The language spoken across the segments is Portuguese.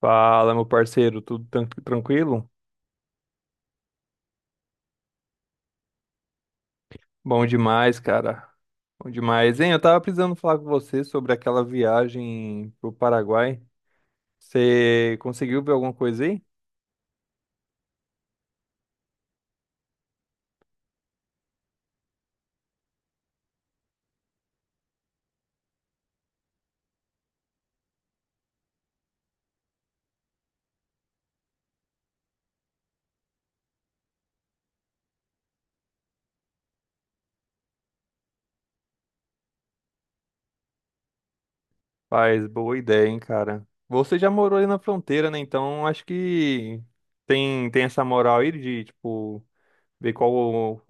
Fala, meu parceiro, tudo tranquilo? Bom demais, cara. Bom demais. Hein, eu tava precisando falar com você sobre aquela viagem pro Paraguai. Você conseguiu ver alguma coisa aí? Faz boa ideia, hein, cara. Você já morou aí na fronteira, né? Então acho que tem essa moral aí de, tipo, ver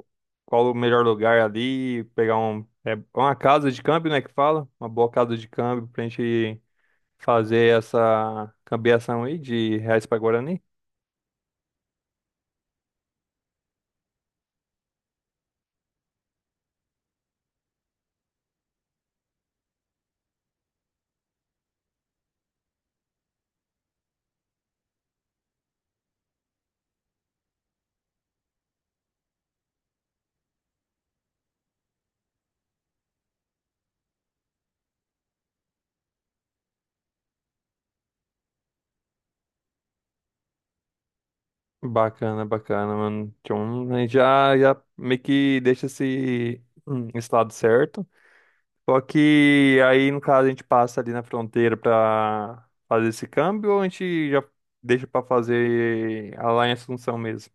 qual o melhor lugar ali, pegar um, uma casa de câmbio, né, que fala? Uma boa casa de câmbio pra gente fazer essa cambiação aí de reais pra Guarani. Bacana, bacana, mano. Então, a gente já meio que deixa esse, esse lado certo. Só que aí, no caso, a gente passa ali na fronteira pra fazer esse câmbio ou a gente já deixa pra fazer a lá em Assunção mesmo?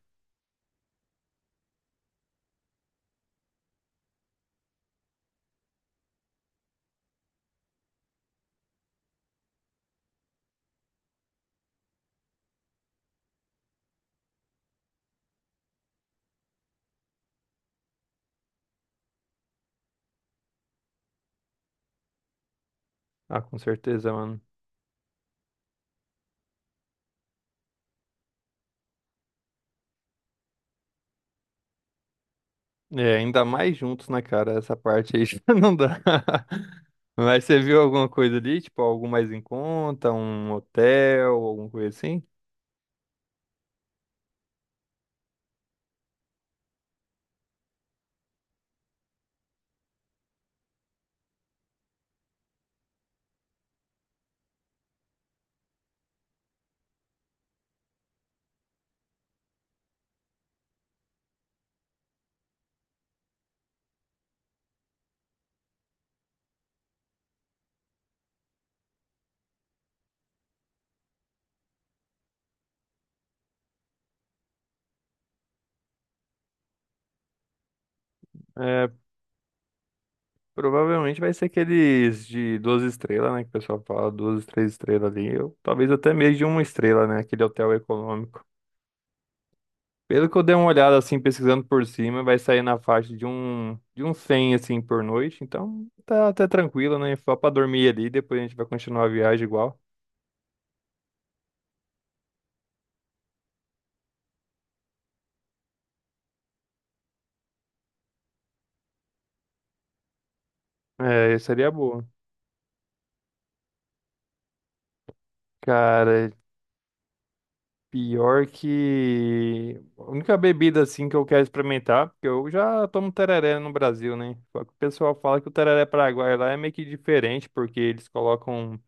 Ah, com certeza, mano. É, ainda mais juntos, né, cara? Essa parte aí já não dá. Mas você viu alguma coisa ali? Tipo, algo mais em conta? Um hotel, alguma coisa assim? É, provavelmente vai ser aqueles de duas estrelas, né? Que o pessoal fala duas, três estrelas ali. Ou, talvez até mesmo de uma estrela, né? Aquele hotel econômico. Pelo que eu dei uma olhada, assim, pesquisando por cima, vai sair na faixa de um 100 assim, por noite. Então, tá até tranquilo, né? Só pra dormir ali, depois a gente vai continuar a viagem igual. É, seria boa. Cara, pior que a única bebida assim que eu quero experimentar, porque eu já tomo tereré no Brasil, né? Só que o pessoal fala que o tereré paraguaio lá é meio que diferente, porque eles colocam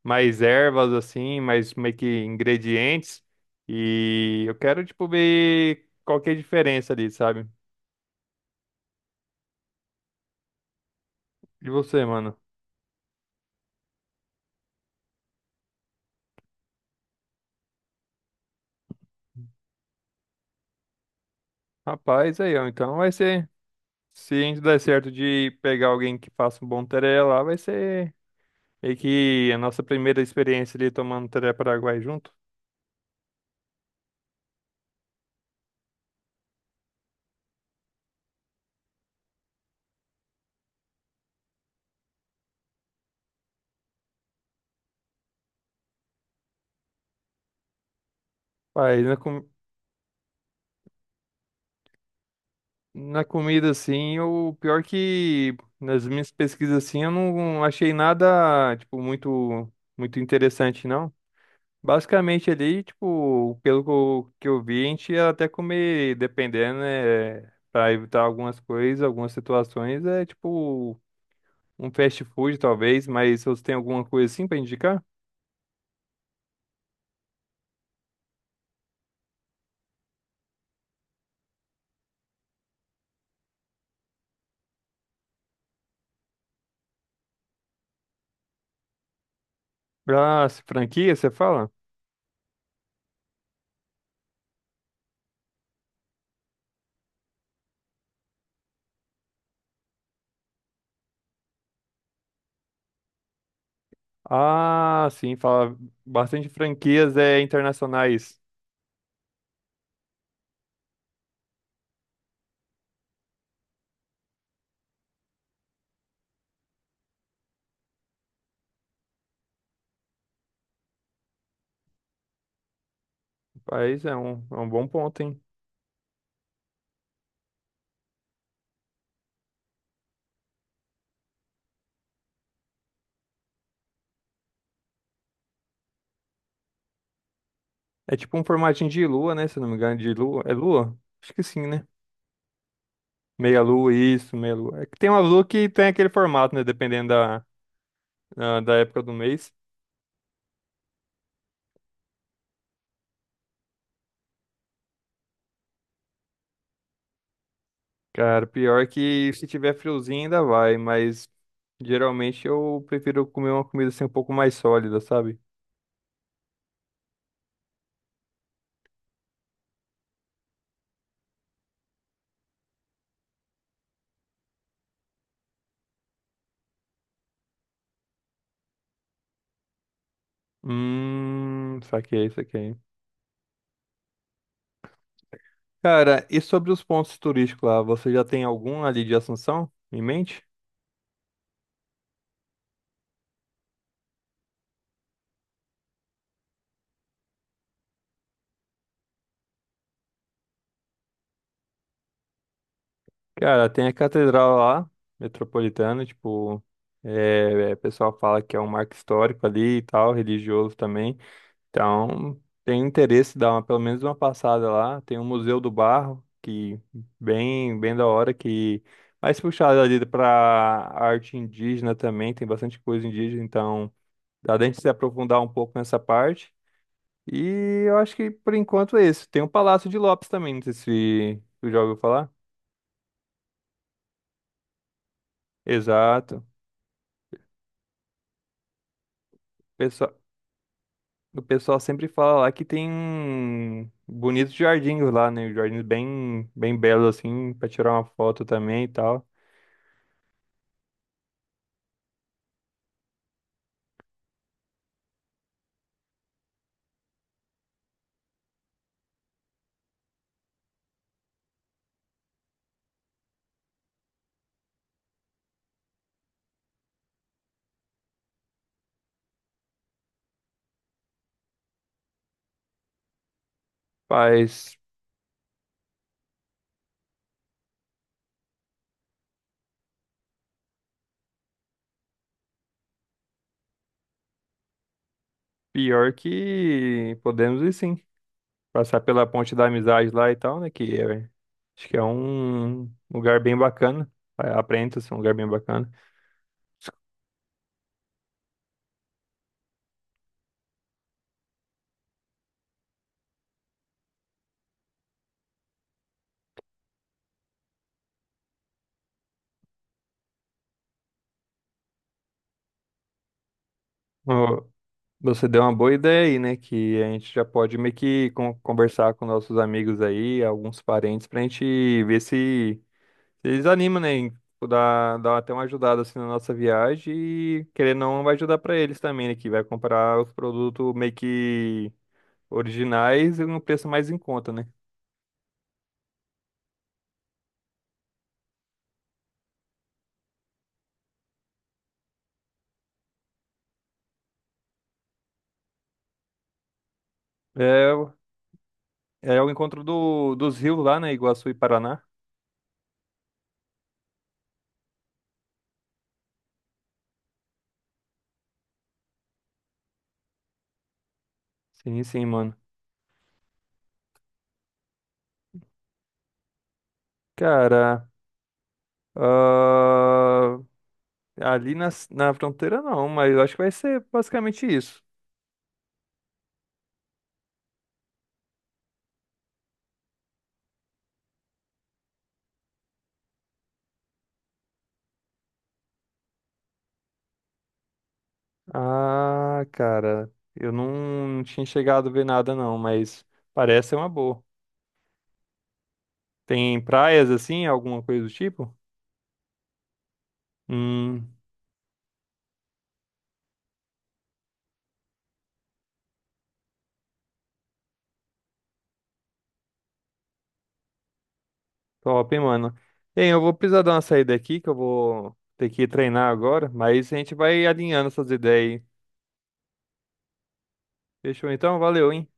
mais ervas assim, mais meio que ingredientes. E eu quero tipo ver qual que é a diferença ali, sabe? E você, mano? Rapaz, aí, ó, então vai ser se a gente der certo de pegar alguém que faça um bom tereré lá, vai ser meio que a nossa primeira experiência ali tomando tereré paraguai junto. Pai, na comida, assim, o pior que nas minhas pesquisas, assim, eu não achei nada, tipo, muito, muito interessante, não. Basicamente ali, tipo, pelo que eu vi, a gente ia até comer, dependendo, né, pra evitar algumas coisas, algumas situações, é tipo um fast food, talvez, mas você tem alguma coisa assim pra indicar? Pra franquia, você fala? Ah, sim, fala bastante franquias internacionais. Mas é um bom ponto, hein? É tipo um formatinho de lua, né? Se eu não me engano, de lua. É lua? Acho que sim, né? Meia lua, isso, meia lua. É que tem uma lua que tem aquele formato, né? Dependendo da, da época do mês. Cara, pior que se tiver friozinho ainda vai, mas geralmente eu prefiro comer uma comida assim um pouco mais sólida, sabe? Saquei, saquei. Cara, e sobre os pontos turísticos lá, você já tem algum ali de Assunção em mente? Cara, tem a catedral lá, metropolitana, tipo, o pessoal fala que é um marco histórico ali e tal, religioso também. Então, tem interesse em dar uma, pelo menos uma passada lá. Tem o Museu do Barro, que bem, bem da hora, que mais puxado ali para arte indígena também, tem bastante coisa indígena, então dá pra gente se aprofundar um pouco nessa parte. E eu acho que por enquanto é esse. Tem o Palácio de Lopes também, não sei se tu já ouviu falar. Exato. O pessoal, o pessoal sempre fala lá que tem bonitos jardins lá, né? Jardins bem, bem belos, assim, pra tirar uma foto também e tal. Mas pior que podemos ir sim. Passar pela Ponte da Amizade lá e tal, né? Acho que é um lugar bem bacana. É, aparenta ser um lugar bem bacana. Você deu uma boa ideia aí, né? Que a gente já pode meio que conversar com nossos amigos aí, alguns parentes, pra gente ver se, se eles animam, né? Em tipo, dar até uma ajudada assim na nossa viagem e querendo ou não vai ajudar pra eles também, né? Que vai comprar os produtos meio que originais e um preço mais em conta, né? É, o- É o encontro do, dos rios lá, né? Iguaçu e Paraná. Sim, sim, mano. Cara, ah, ali na fronteira não, mas eu acho que vai ser basicamente isso. Ah, cara, eu não, não tinha chegado a ver nada não, mas parece ser uma boa. Tem praias assim, alguma coisa do tipo? Hum, top, hein, mano. Bem, eu vou precisar dar uma saída aqui, que eu vou ter que ir treinar agora, mas a gente vai alinhando essas ideias aí. Fechou então? Valeu, hein?